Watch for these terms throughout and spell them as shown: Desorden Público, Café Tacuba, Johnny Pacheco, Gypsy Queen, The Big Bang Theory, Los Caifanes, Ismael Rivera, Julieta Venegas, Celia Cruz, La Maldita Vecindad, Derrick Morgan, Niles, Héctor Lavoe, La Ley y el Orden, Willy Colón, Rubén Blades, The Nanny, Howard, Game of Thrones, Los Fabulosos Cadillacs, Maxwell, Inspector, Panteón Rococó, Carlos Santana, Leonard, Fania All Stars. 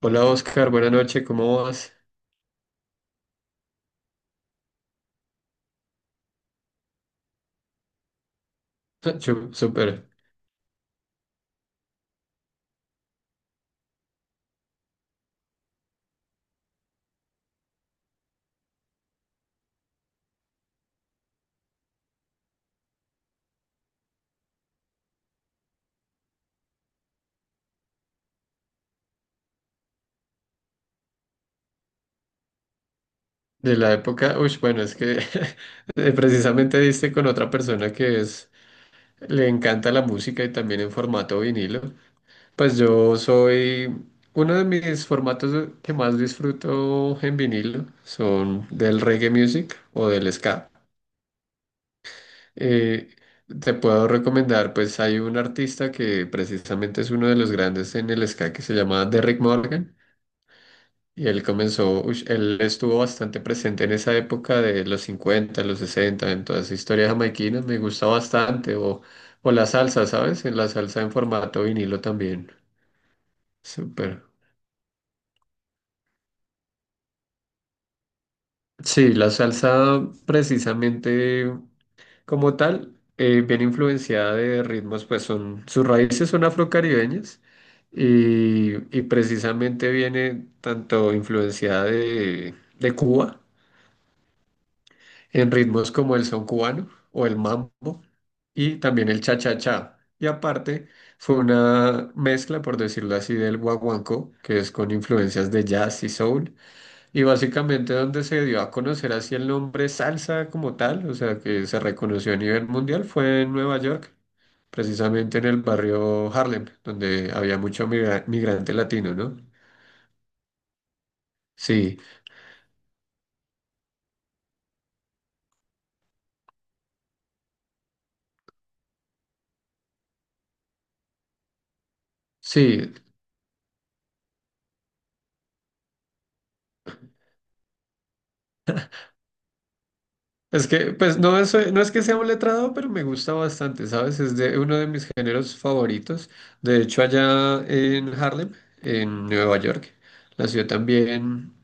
Hola Oscar, buenas noches, ¿cómo vas? Súper. De la época, uy, bueno, es que precisamente diste con otra persona que le encanta la música y también en formato vinilo. Pues yo soy uno de mis formatos que más disfruto en vinilo, son del reggae music o del ska. Eh, Te puedo recomendar, pues hay un artista que precisamente es uno de los grandes en el ska que se llama Derrick Morgan. Y él comenzó, ush, él estuvo bastante presente en esa época de los 50 los 60 en toda esa historia jamaiquina, me gusta bastante. O la salsa, ¿sabes? En la salsa en formato vinilo también. Súper. Sí, la salsa precisamente como tal, bien influenciada de ritmos, pues sus raíces son afrocaribeñas y precisamente viene tanto influenciada de Cuba en ritmos como el son cubano o el mambo y también el cha-cha-cha. Y aparte fue una mezcla, por decirlo así, del guaguancó, que es con influencias de jazz y soul, y básicamente donde se dio a conocer así el nombre salsa como tal, o sea, que se reconoció a nivel mundial, fue en Nueva York, precisamente en el barrio Harlem, donde había mucho migrante latino, ¿no? Sí, sí. Es que, pues no es que sea un letrado, pero me gusta bastante, ¿sabes? Es de uno de mis géneros favoritos. De hecho, allá en Harlem, en Nueva York, nació también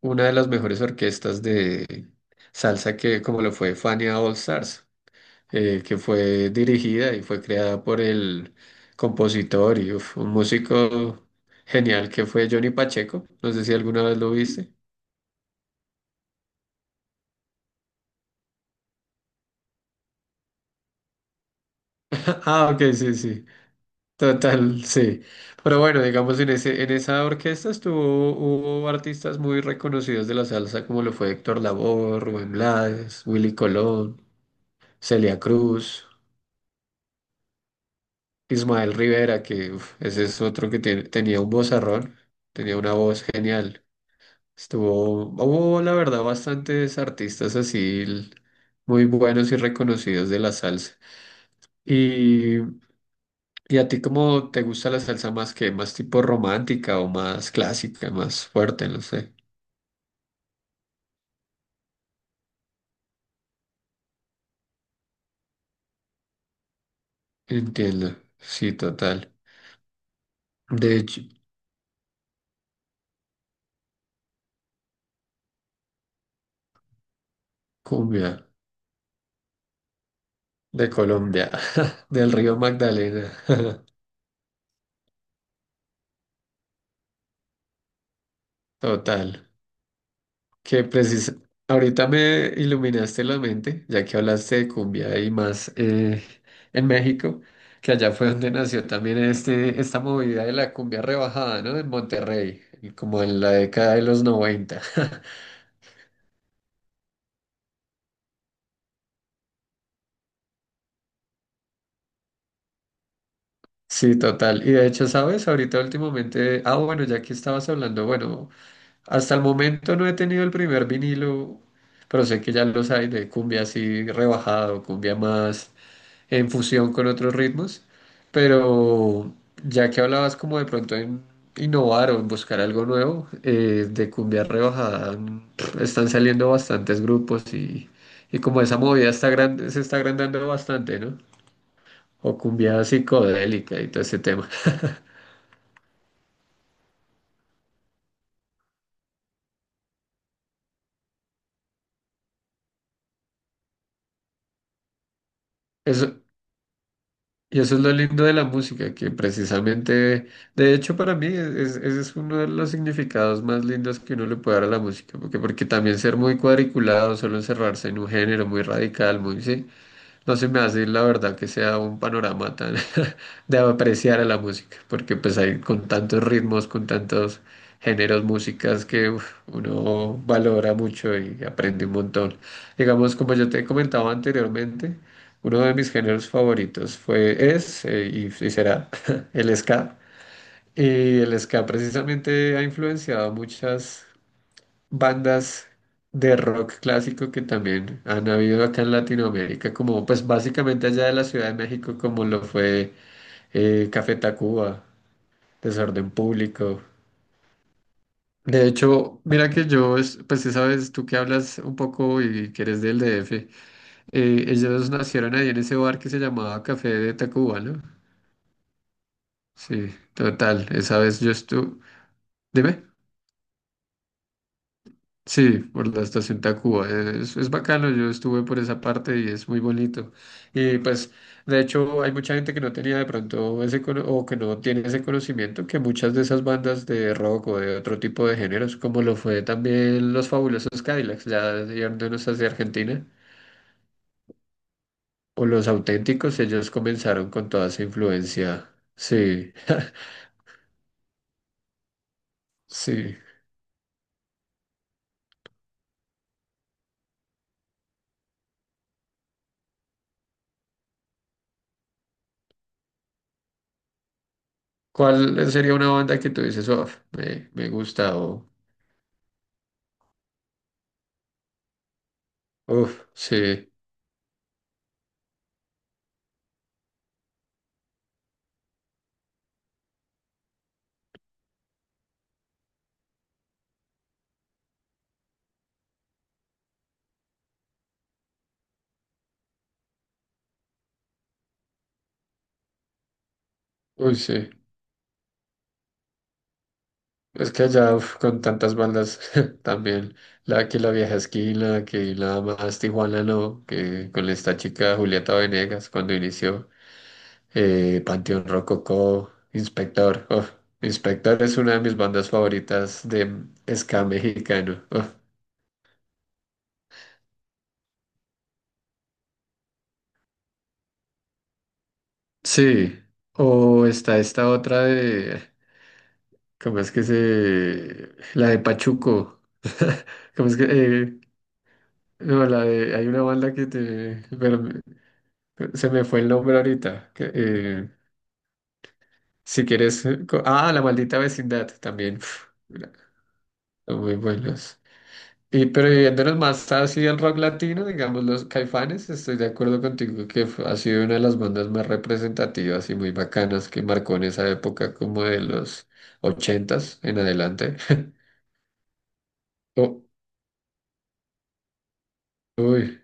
una de las mejores orquestas de salsa que, como lo fue Fania All Stars, que fue dirigida y fue creada por el compositor y uf, un músico genial que fue Johnny Pacheco. No sé si alguna vez lo viste. Ah, ok, sí, sí. Total, sí. Pero bueno, digamos, en ese, en esa orquesta estuvo, hubo artistas muy reconocidos de la salsa, como lo fue Héctor Lavoe, Rubén Blades, Willy Colón, Celia Cruz, Ismael Rivera, que uf, ese es otro que tenía un vozarrón, tenía una voz genial. Estuvo, hubo la verdad bastantes artistas así muy buenos y reconocidos de la salsa. ¿Y a ti cómo te gusta la salsa más, que más tipo romántica o más clásica, más fuerte? No sé. Entiendo. Sí, total. De hecho, cumbia de Colombia, del río Magdalena. Total. Que precisa. Ahorita me iluminaste la mente, ya que hablaste de cumbia y más en México, que allá fue donde nació también este, esta movida de la cumbia rebajada, ¿no? En Monterrey, como en la década de los 90. Sí, total. Y de hecho, ¿sabes? Ahorita últimamente, ah, bueno, ya que estabas hablando, bueno, hasta el momento no he tenido el primer vinilo, pero sé que ya los hay de cumbia así rebajado, cumbia más en fusión con otros ritmos, pero ya que hablabas como de pronto en innovar o en buscar algo nuevo, de cumbia rebajada están saliendo bastantes grupos y como esa movida está se está agrandando bastante, ¿no? O cumbia psicodélica y todo ese tema. Eso, y eso es lo lindo de la música, que precisamente, de hecho para mí es, ese es uno de los significados más lindos que uno le puede dar a la música, porque también ser muy cuadriculado, solo encerrarse en un género muy radical, muy, sí, no se me hace la verdad que sea un panorama tan de apreciar a la música, porque pues hay con tantos ritmos, con tantos géneros, músicas que uf, uno valora mucho y aprende un montón. Digamos, como yo te he comentado anteriormente, uno de mis géneros favoritos fue, es y será el ska. Y el ska precisamente ha influenciado muchas bandas de rock clásico que también han habido acá en Latinoamérica, como pues básicamente allá de la Ciudad de México, como lo fue Café Tacuba, Desorden Público. De hecho, mira que yo, pues sí sabes, tú que hablas un poco y que eres del DF, ellos nacieron ahí en ese bar que se llamaba Café de Tacuba, ¿no? Sí, total, esa vez yo estuve... Dime. Sí, por la estación Tacuba. Es bacano, yo estuve por esa parte y es muy bonito. Y pues, de hecho, hay mucha gente que no tenía de pronto ese o que no tiene ese conocimiento que muchas de esas bandas de rock o de otro tipo de géneros, como lo fue también los Fabulosos Cadillacs, ya yéndonos hacia Argentina, o los auténticos, ellos comenzaron con toda esa influencia. Sí, sí. ¿Cuál sería una banda que tú dices, "Uf, me gusta o, uff, sí, uy, sí. Es que allá, uf, con tantas bandas también, la que la vieja esquina, que nada más Tijuana no, que con esta chica Julieta Venegas cuando inició, Panteón Rococó, Inspector, uf, Inspector es una de mis bandas favoritas de ska mexicano. Uf. Sí, o está esta otra de, ¿cómo es que se? La de Pachuco. ¿Cómo es que? No, la de, hay una banda que te, se me fue el nombre ahorita, que, si quieres. Ah, La Maldita Vecindad también. Uf, mira, son muy buenos. Y, pero yéndonos más así al rock latino, digamos los Caifanes, estoy de acuerdo contigo que ha sido una de las bandas más representativas y muy bacanas que marcó en esa época como de los ochentas en adelante. Oh, uy,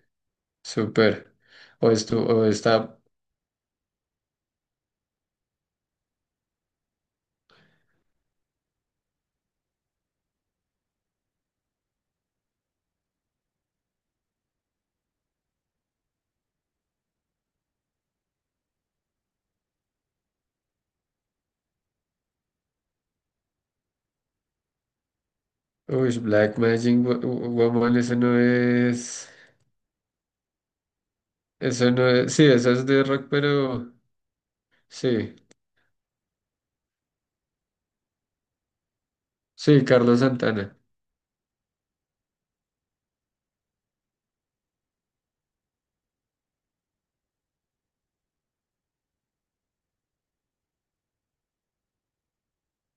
súper. O, esto, o esta, uy, Black Magic Woman, ese no es. Eso no es, sí, esa es de rock, pero sí, sí, Carlos Santana.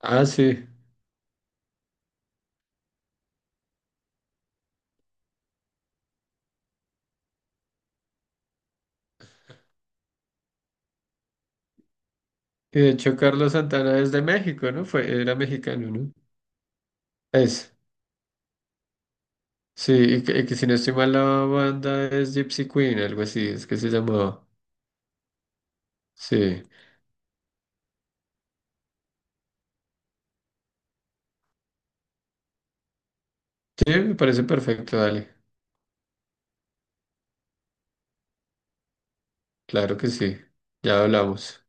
Ah, sí. Y de hecho, Carlos Santana es de México, ¿no? Fue, era mexicano, ¿no? Es, sí, y que si no estoy mal, la banda es Gypsy Queen, algo así, es que se llamaba. Sí, sí, me parece perfecto, dale. Claro que sí, ya hablamos.